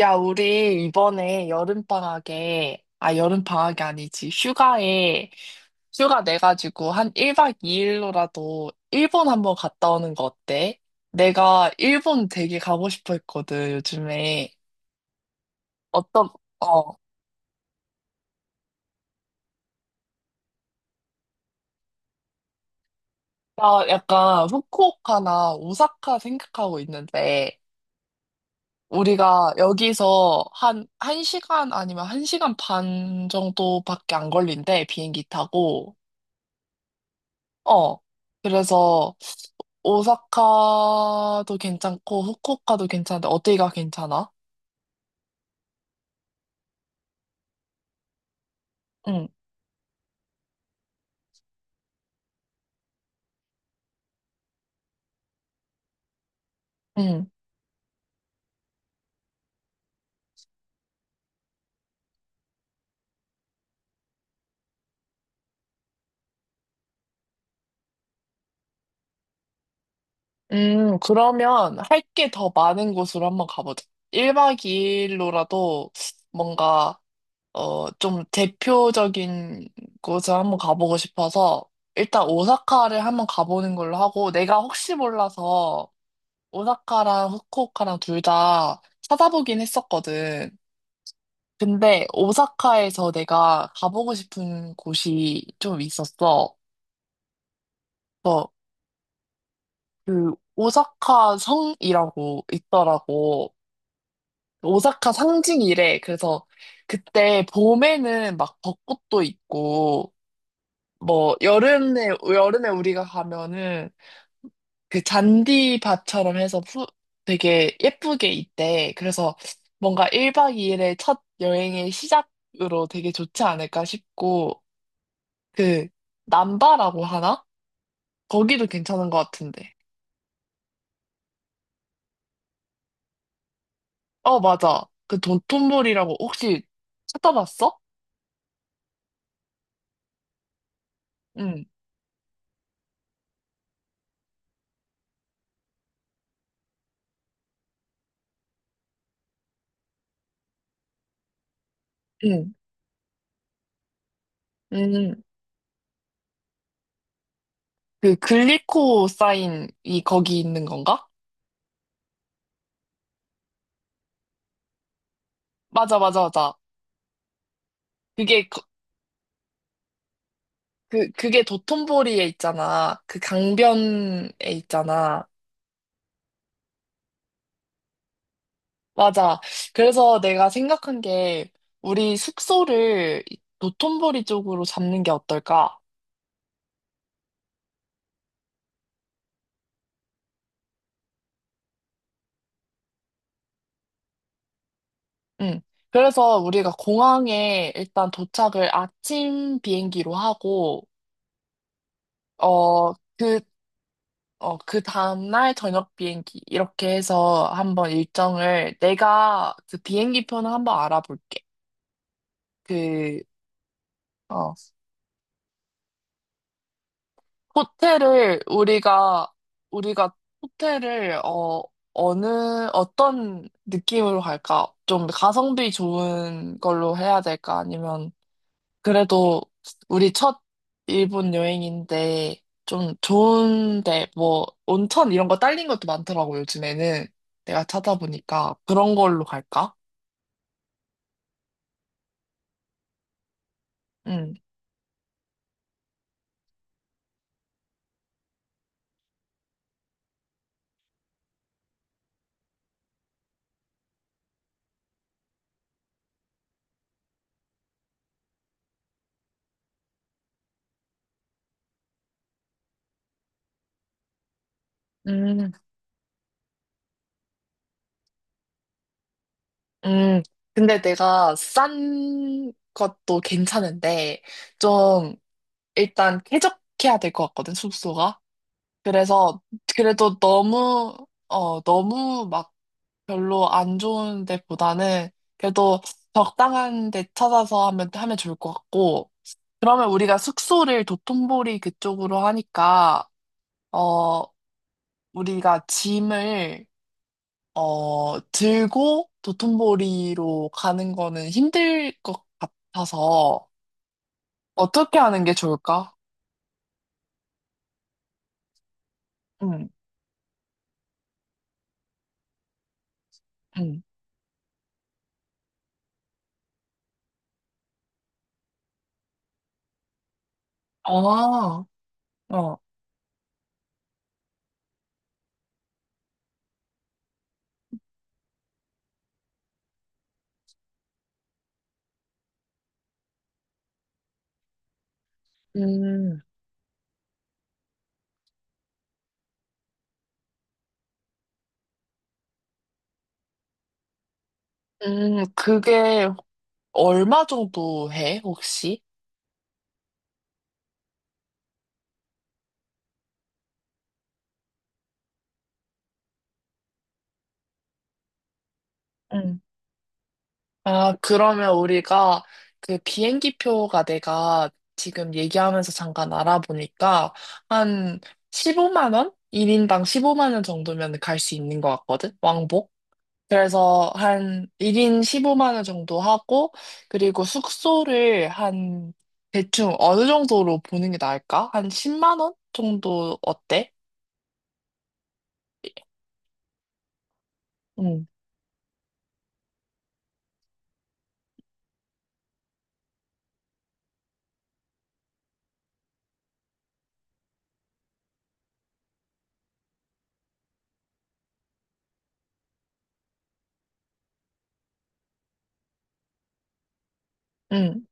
야, 우리 이번에 여름방학에, 아, 여름방학이 아니지, 휴가에, 휴가 내가지고 한 1박 2일로라도 일본 한번 갔다 오는 거 어때? 내가 일본 되게 가고 싶어 했거든, 요즘에. 어떤, 어, 나 약간 후쿠오카나 오사카 생각하고 있는데, 우리가 여기서 한시간 아니면 1시간 반 정도밖에 안 걸린대, 비행기 타고. 어, 그래서 오사카도 괜찮고 후쿠오카도 괜찮은데 어디가 괜찮아? 응, 응. 그러면 할 게 더 많은 곳으로 한번 가보자. 1박 2일로라도 뭔가 좀 대표적인 곳을 한번 가보고 싶어서 일단 오사카를 한번 가보는 걸로 하고 내가 혹시 몰라서 오사카랑 후쿠오카랑 둘 다 찾아보긴 했었거든. 근데 오사카에서 내가 가보고 싶은 곳이 좀 있었어. 그래서 그 오사카 성이라고 있더라고. 오사카 상징이래. 그래서 그때 봄에는 막 벚꽃도 있고 뭐 여름에 우리가 가면은 그 잔디밭처럼 해서 되게 예쁘게 있대. 그래서 뭔가 1박 2일의 첫 여행의 시작으로 되게 좋지 않을까 싶고 그 남바라고 하나? 거기도 괜찮은 것 같은데. 어, 맞아. 그 돈톤볼이라고 혹시 찾아봤어? 응, 응, 응. 응. 그 글리코사인이 거기 있는 건가? 맞아, 맞아, 맞아. 그게 거- 그게 도톤보리에 있잖아. 그 강변에 있잖아. 맞아. 그래서 내가 생각한 게 우리 숙소를 이 도톤보리 쪽으로 잡는 게 어떨까? 응. 그래서 우리가 공항에 일단 도착을 아침 비행기로 하고, 어, 그, 그 다음날 저녁 비행기, 이렇게 해서 한번 일정을, 내가 그 비행기 표는 한번 알아볼게. 그, 어, 호텔을, 우리가 호텔을, 어느, 어떤 느낌으로 갈까? 좀 가성비 좋은 걸로 해야 될까? 아니면, 그래도 우리 첫 일본 여행인데 좀 좋은데 뭐 온천 이런 거 딸린 것도 많더라고 요즘에는 내가 찾아보니까 그런 걸로 갈까? 응, 음, 음. 근데 내가 싼 것도 괜찮은데 좀 일단 쾌적해야 될 것 같거든 숙소가. 그래서 그래도 너무 너무 막 별로 안 좋은 데보다는 그래도 적당한 데 찾아서 하면 좋을 것 같고, 그러면 우리가 숙소를 도톤보리 그쪽으로 하니까, 어, 우리가 짐을, 들고 도톤보리로 가는 거는 힘들 것 같아서, 어떻게 하는 게 좋을까? 응, 응. 아, 어. 음, 그게 얼마 정도 해, 혹시? 아, 그러면 우리가 그 비행기표가 내가 지금 얘기하면서 잠깐 알아보니까 한 15만 원? 1인당 15만 원 정도면 갈 수 있는 것 같거든? 왕복? 그래서 한 1인 15만 원 정도 하고 그리고 숙소를 한 대충 어느 정도로 보는 게 나을까? 한 10만 원 정도 어때? 응, 응.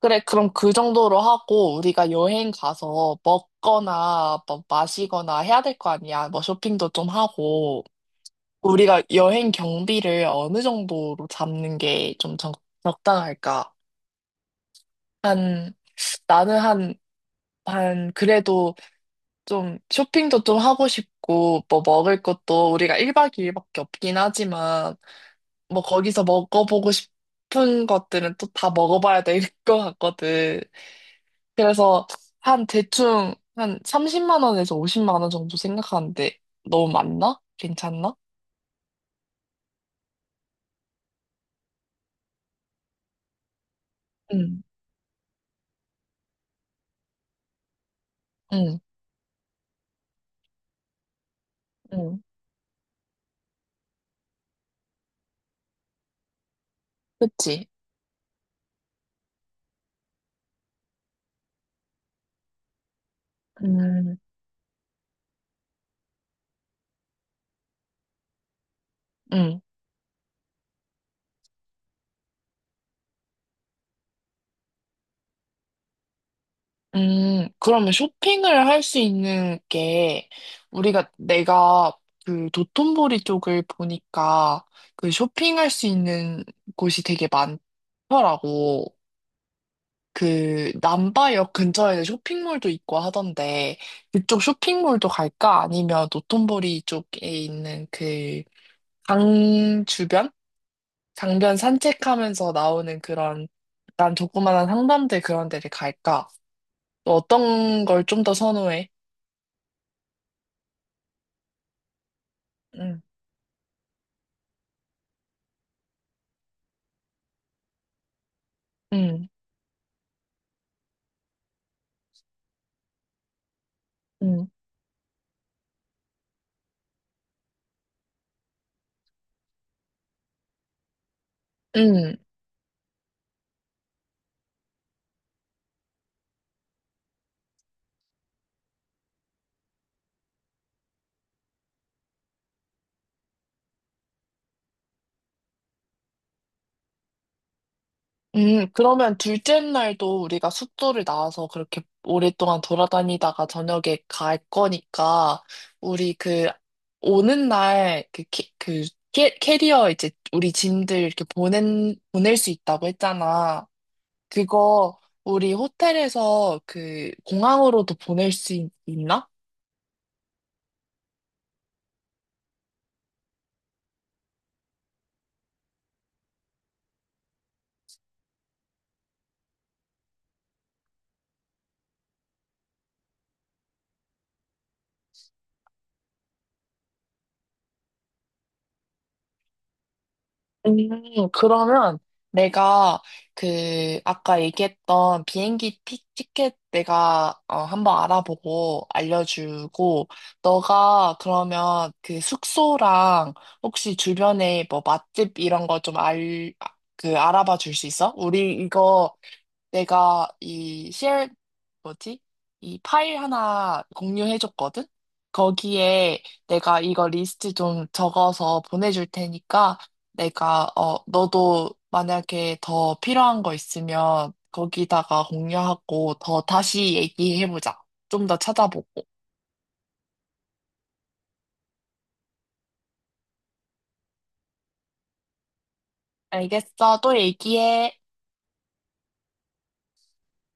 그래, 그럼 그 정도로 하고 우리가 여행 가서 먹거나 뭐 마시거나 해야 될 거 아니야. 뭐 쇼핑도 좀 하고 우리가 여행 경비를 어느 정도로 잡는 게 좀 적당할까? 한 나는 한 그래도 좀 쇼핑도 좀 하고 싶고, 뭐 먹을 것도 우리가 1박 2일밖에 없긴 하지만, 뭐 거기서 먹어보고 싶은 것들은 또 다 먹어봐야 될 것 같거든. 그래서 한 대충 한 30만 원에서 50만 원 정도 생각하는데 너무 많나? 괜찮나? 응, 응, 응. 그치? 음, 응, 그러면 쇼핑을 할 수 있는 게 우리가 내가 그 도톤보리 쪽을 보니까 그 쇼핑할 수 있는 곳이 되게 많더라고. 그 남바역 근처에 쇼핑몰도 있고 하던데 그쪽 쇼핑몰도 갈까? 아니면 노톤보리 쪽에 있는 그 강 주변? 강변 산책하면서 나오는 그런 약간 조그만한 상점들 그런 데를 갈까? 또 어떤 걸 좀 더 선호해? 응, 응, 응, 응. 그러면 둘째 날도 우리가 숙소를 나와서 그렇게 오랫동안 돌아다니다가 저녁에 갈 거니까, 우리 오는 날, 캐리어 이제 우리 짐들 이렇게 보낼 수 있다고 했잖아. 그거 우리 호텔에서 그 공항으로도 보낼 수 있나? 그러면 내가 그 아까 얘기했던 비행기 티켓 내가 한번 알아보고 알려주고 너가 그러면 그 숙소랑 혹시 주변에 뭐 맛집 이런 거 좀 그 알아봐 줄 수 있어? 우리 이거 내가 이 뭐지? 이 파일 하나 공유해줬거든? 거기에 내가 이거 리스트 좀 적어서 보내줄 테니까 너도 만약에 더 필요한 거 있으면 거기다가 공유하고 더 다시 얘기해보자. 좀 더 찾아보고. 알겠어. 또 얘기해.